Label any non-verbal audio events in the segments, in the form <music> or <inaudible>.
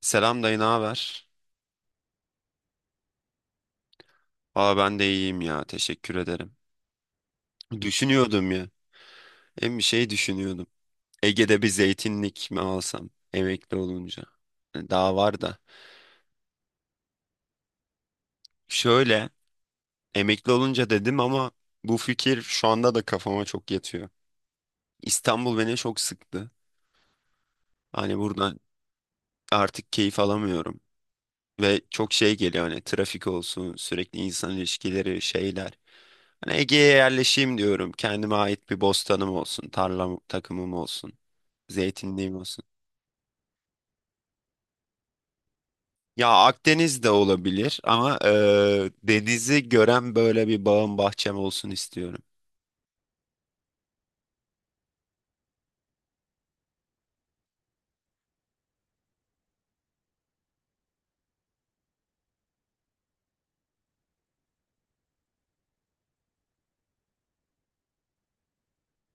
Selam dayı, ne haber? Aa ben de iyiyim ya, teşekkür ederim. Düşünüyordum ya, hem bir şey düşünüyordum. Ege'de bir zeytinlik mi alsam emekli olunca? Daha var da. Şöyle, emekli olunca dedim ama bu fikir şu anda da kafama çok yatıyor. İstanbul beni çok sıktı. Hani buradan artık keyif alamıyorum. Ve çok şey geliyor hani trafik olsun, sürekli insan ilişkileri, şeyler. Hani Ege'ye yerleşeyim diyorum. Kendime ait bir bostanım olsun, tarlam takımım olsun. Zeytinliği olsun? Ya Akdeniz de olabilir ama denizi gören böyle bir bağım bahçem olsun istiyorum.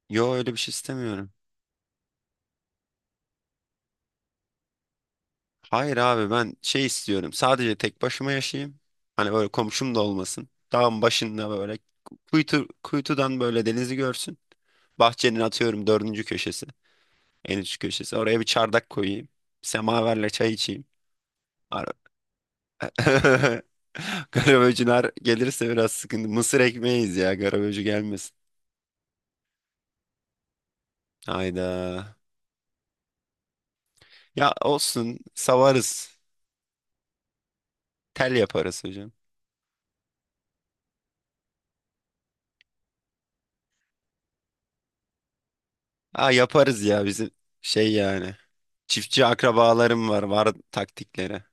Yo öyle bir şey istemiyorum. Hayır abi ben şey istiyorum. Sadece tek başıma yaşayayım. Hani böyle komşum da olmasın. Dağın başında böyle kuytudan böyle denizi görsün. Bahçenin atıyorum dördüncü köşesi. En üst köşesi. Oraya bir çardak koyayım. Semaverle çay içeyim. Ara- <laughs> Garaböcüler gelirse biraz sıkıntı. Mısır ekmeğiyiz ya. Garaböcü gelmesin. Hayda. Ya olsun savarız. Tel yaparız hocam. Aa yaparız ya bizim şey yani. Çiftçi akrabalarım var, var taktikleri.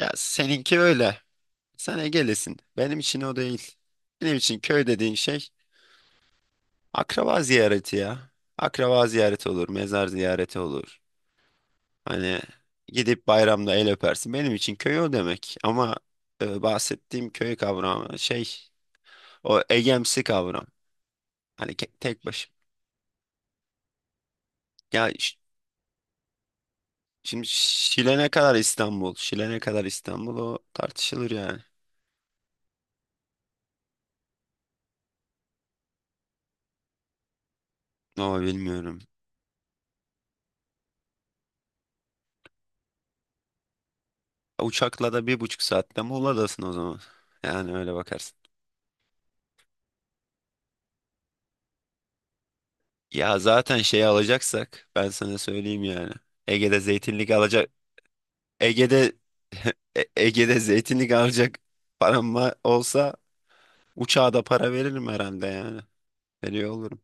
Ya seninki öyle. Sen Ege'lisin. Benim için o değil. Benim için köy dediğin şey akraba ziyareti ya. Akraba ziyareti olur, mezar ziyareti olur. Hani gidip bayramda el öpersin. Benim için köy o demek. Ama bahsettiğim köy kavramı şey o egemsi kavram. Hani tek başım. Ya şimdi Şile ne kadar İstanbul? Şile ne kadar İstanbul o tartışılır yani. Ama bilmiyorum. Uçakla da 1,5 saatte Muğla'dasın o zaman. Yani öyle bakarsın. Ya zaten şey alacaksak ben sana söyleyeyim yani. Ege'de zeytinlik alacak. Ege'de Ege'de zeytinlik alacak param olsa uçağa da para veririm herhalde yani. Veriyor olurum.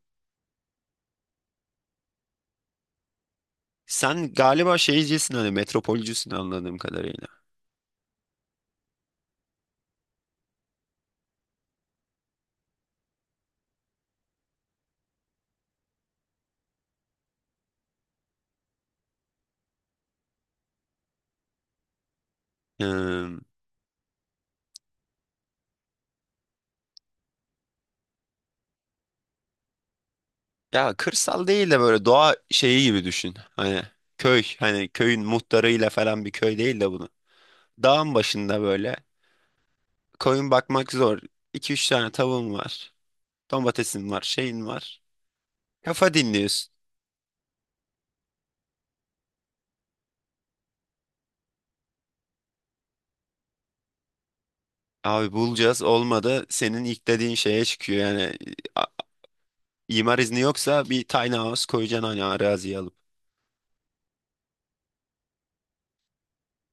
Sen galiba şeycisin hani metropolcüsün anladığım kadarıyla. Hmm. Ya kırsal değil de böyle doğa şeyi gibi düşün. Hani köy hani köyün muhtarıyla falan bir köy değil de bunu. Dağın başında böyle koyun bakmak zor. İki üç tane tavuğun var. Domatesin var, şeyin var. Kafa dinliyorsun. Abi bulacağız, olmadı senin ilk dediğin şeye çıkıyor yani. İmar izni yoksa bir tiny house koyacaksın hani araziyi alıp.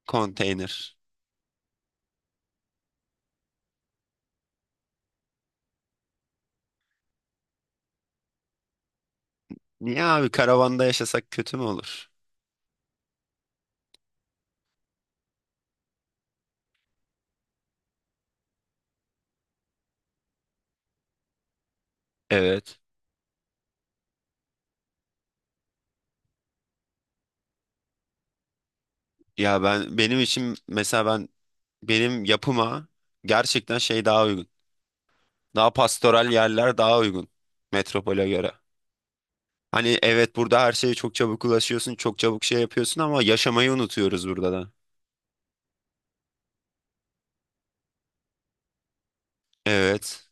Konteyner. Niye abi karavanda yaşasak kötü mü olur? Evet. Ya ben, benim için mesela ben benim yapıma gerçekten şey daha uygun. Daha pastoral yerler daha uygun metropole göre. Hani evet, burada her şeye çok çabuk ulaşıyorsun, çok çabuk şey yapıyorsun ama yaşamayı unutuyoruz burada da. Evet.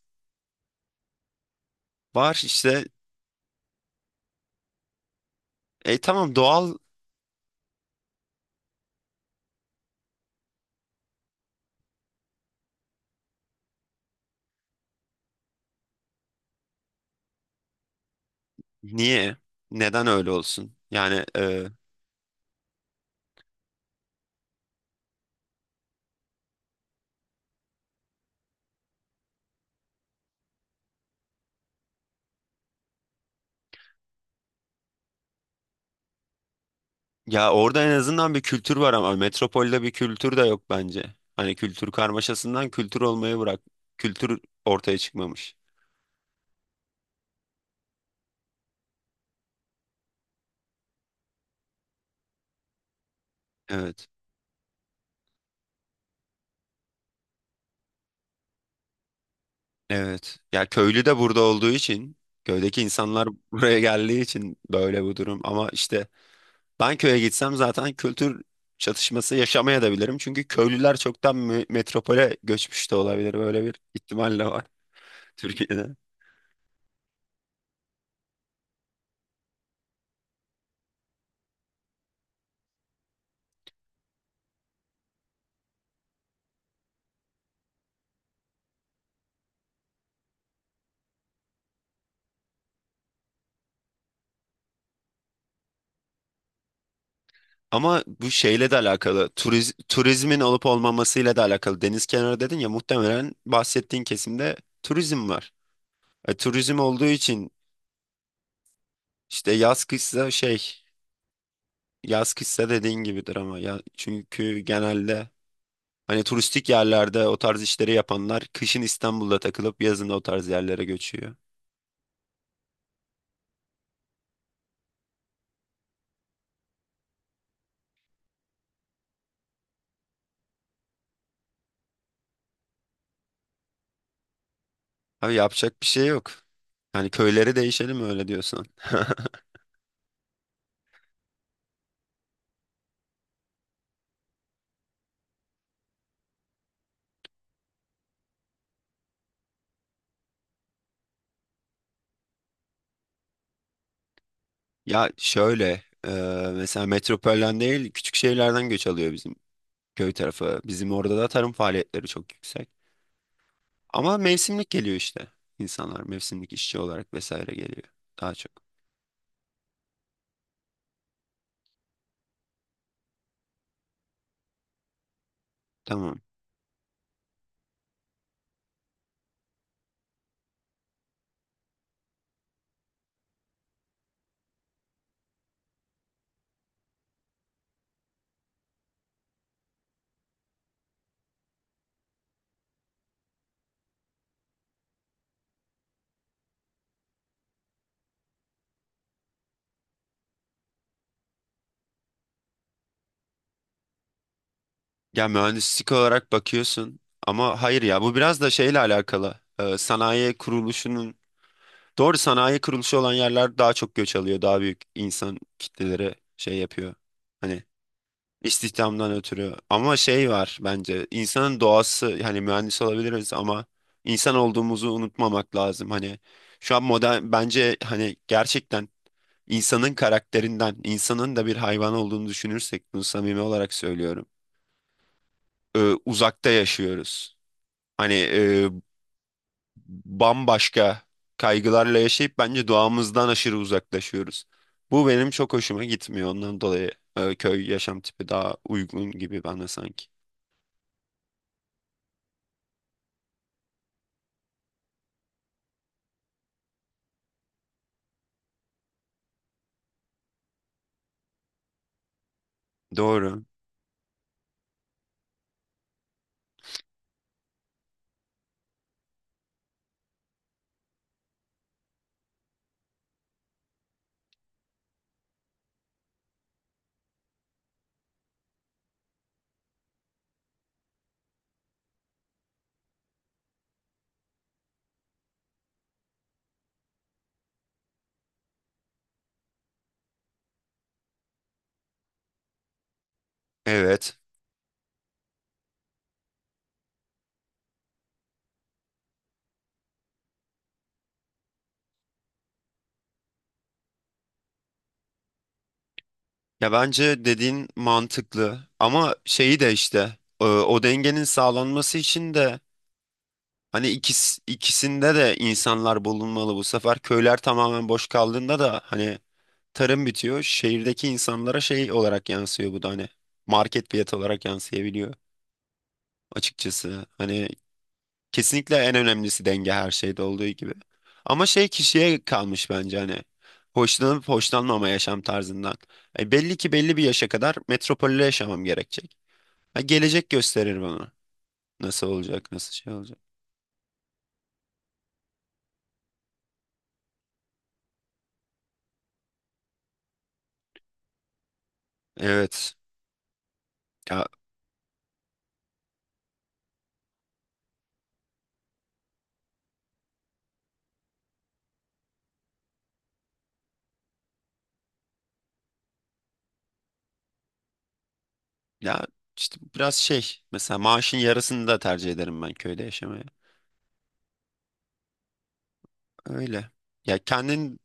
Var işte. Tamam, doğal. Niye? Neden öyle olsun? Yani ya orada en azından bir kültür var ama metropolde bir kültür de yok bence. Hani kültür karmaşasından kültür olmayı bırak. Kültür ortaya çıkmamış. Evet. Evet. Ya köylü de burada olduğu için, köydeki insanlar <laughs> buraya geldiği için böyle bu durum. Ama işte ben köye gitsem zaten kültür çatışması yaşamaya da bilirim. Çünkü köylüler çoktan metropole göçmüş de olabilir. Böyle bir ihtimal de var. <laughs> Türkiye'de. Ama bu şeyle de alakalı, turizmin olup olmamasıyla da alakalı. Deniz kenarı dedin ya, muhtemelen bahsettiğin kesimde turizm var. Turizm olduğu için işte yaz kışsa dediğin gibidir ama ya çünkü genelde hani turistik yerlerde o tarz işleri yapanlar kışın İstanbul'da takılıp yazın o tarz yerlere göçüyor. Abi yapacak bir şey yok. Hani köyleri değişelim öyle diyorsan. <laughs> Ya şöyle, mesela metropolden değil küçük şehirlerden göç alıyor bizim köy tarafı. Bizim orada da tarım faaliyetleri çok yüksek. Ama mevsimlik geliyor işte. İnsanlar mevsimlik işçi olarak vesaire geliyor daha çok. Tamam. Ya mühendislik olarak bakıyorsun ama hayır ya, bu biraz da şeyle alakalı. Sanayi kuruluşunun doğru sanayi kuruluşu olan yerler daha çok göç alıyor. Daha büyük insan kitleleri şey yapıyor. Hani İstihdamdan ötürü. Ama şey var bence, insanın doğası hani mühendis olabiliriz ama insan olduğumuzu unutmamak lazım. Hani şu an modern, bence hani gerçekten insanın karakterinden insanın da bir hayvan olduğunu düşünürsek, bunu samimi olarak söylüyorum, e, uzakta yaşıyoruz. Hani bambaşka kaygılarla yaşayıp bence doğamızdan aşırı uzaklaşıyoruz. Bu benim çok hoşuma gitmiyor. Ondan dolayı köy yaşam tipi daha uygun gibi bana sanki. Doğru. Evet. Ya bence dediğin mantıklı ama şeyi de işte o dengenin sağlanması için de hani ikisinde de insanlar bulunmalı bu sefer. Köyler tamamen boş kaldığında da hani tarım bitiyor. Şehirdeki insanlara şey olarak yansıyor bu da, hani market fiyatı olarak yansıyabiliyor açıkçası. Hani kesinlikle en önemlisi denge, her şeyde olduğu gibi. Ama şey kişiye kalmış bence hani. Hoşlanıp hoşlanmama yaşam tarzından. Belli ki belli bir yaşa kadar metropolde yaşamam gerekecek. Ha, gelecek gösterir bana. Nasıl olacak, nasıl şey olacak. Evet. Ya, ya işte biraz şey. Mesela maaşın yarısını da tercih ederim ben köyde yaşamaya. Öyle. Ya kendin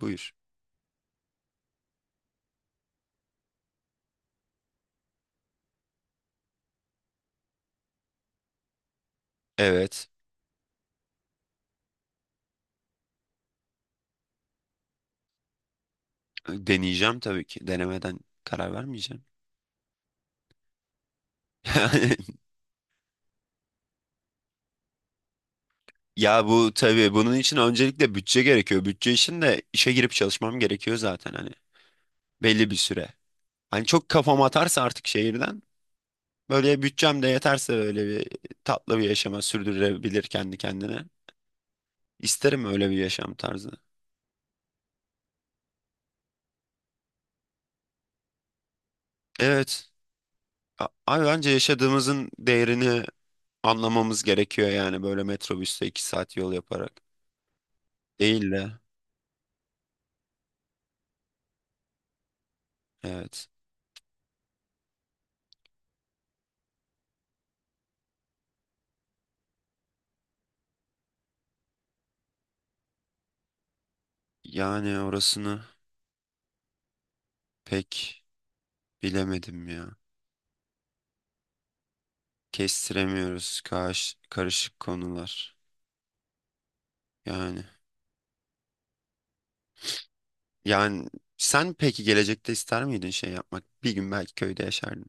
buyur. Evet. Deneyeceğim tabii ki. Denemeden karar vermeyeceğim. <laughs> Ya bu tabii, bunun için öncelikle bütçe gerekiyor. Bütçe için de işe girip çalışmam gerekiyor zaten hani belli bir süre. Hani çok kafam atarsa artık şehirden, böyle bütçem de yeterse böyle bir tatlı bir yaşama sürdürebilir kendi kendine. İsterim öyle bir yaşam tarzı. Evet. Abi bence yaşadığımızın değerini anlamamız gerekiyor yani, böyle metrobüste 2 saat yol yaparak. Değil de, evet. Yani orasını pek bilemedim ya. Kestiremiyoruz, karışık konular. Yani yani sen peki gelecekte ister miydin şey yapmak? Bir gün belki köyde yaşardın.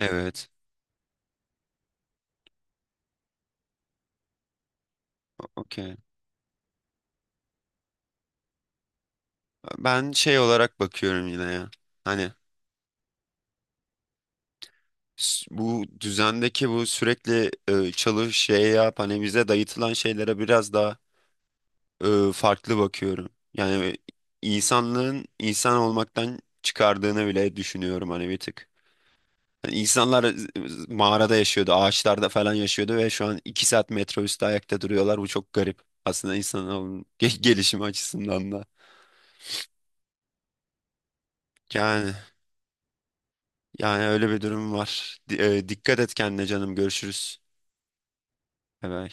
Evet, okey. Ben şey olarak bakıyorum yine ya. Hani bu düzendeki bu sürekli çalış şey yap, hani bize dayatılan şeylere biraz daha farklı bakıyorum. Yani insanlığın insan olmaktan çıkardığını bile düşünüyorum hani, bir tık. Yani İnsanlar mağarada yaşıyordu, ağaçlarda falan yaşıyordu ve şu an 2 saat metro üstü ayakta duruyorlar. Bu çok garip. Aslında insanın <laughs> gelişimi açısından da. Yani yani öyle bir durum var. Dikkat et kendine canım. Görüşürüz. Bay bay.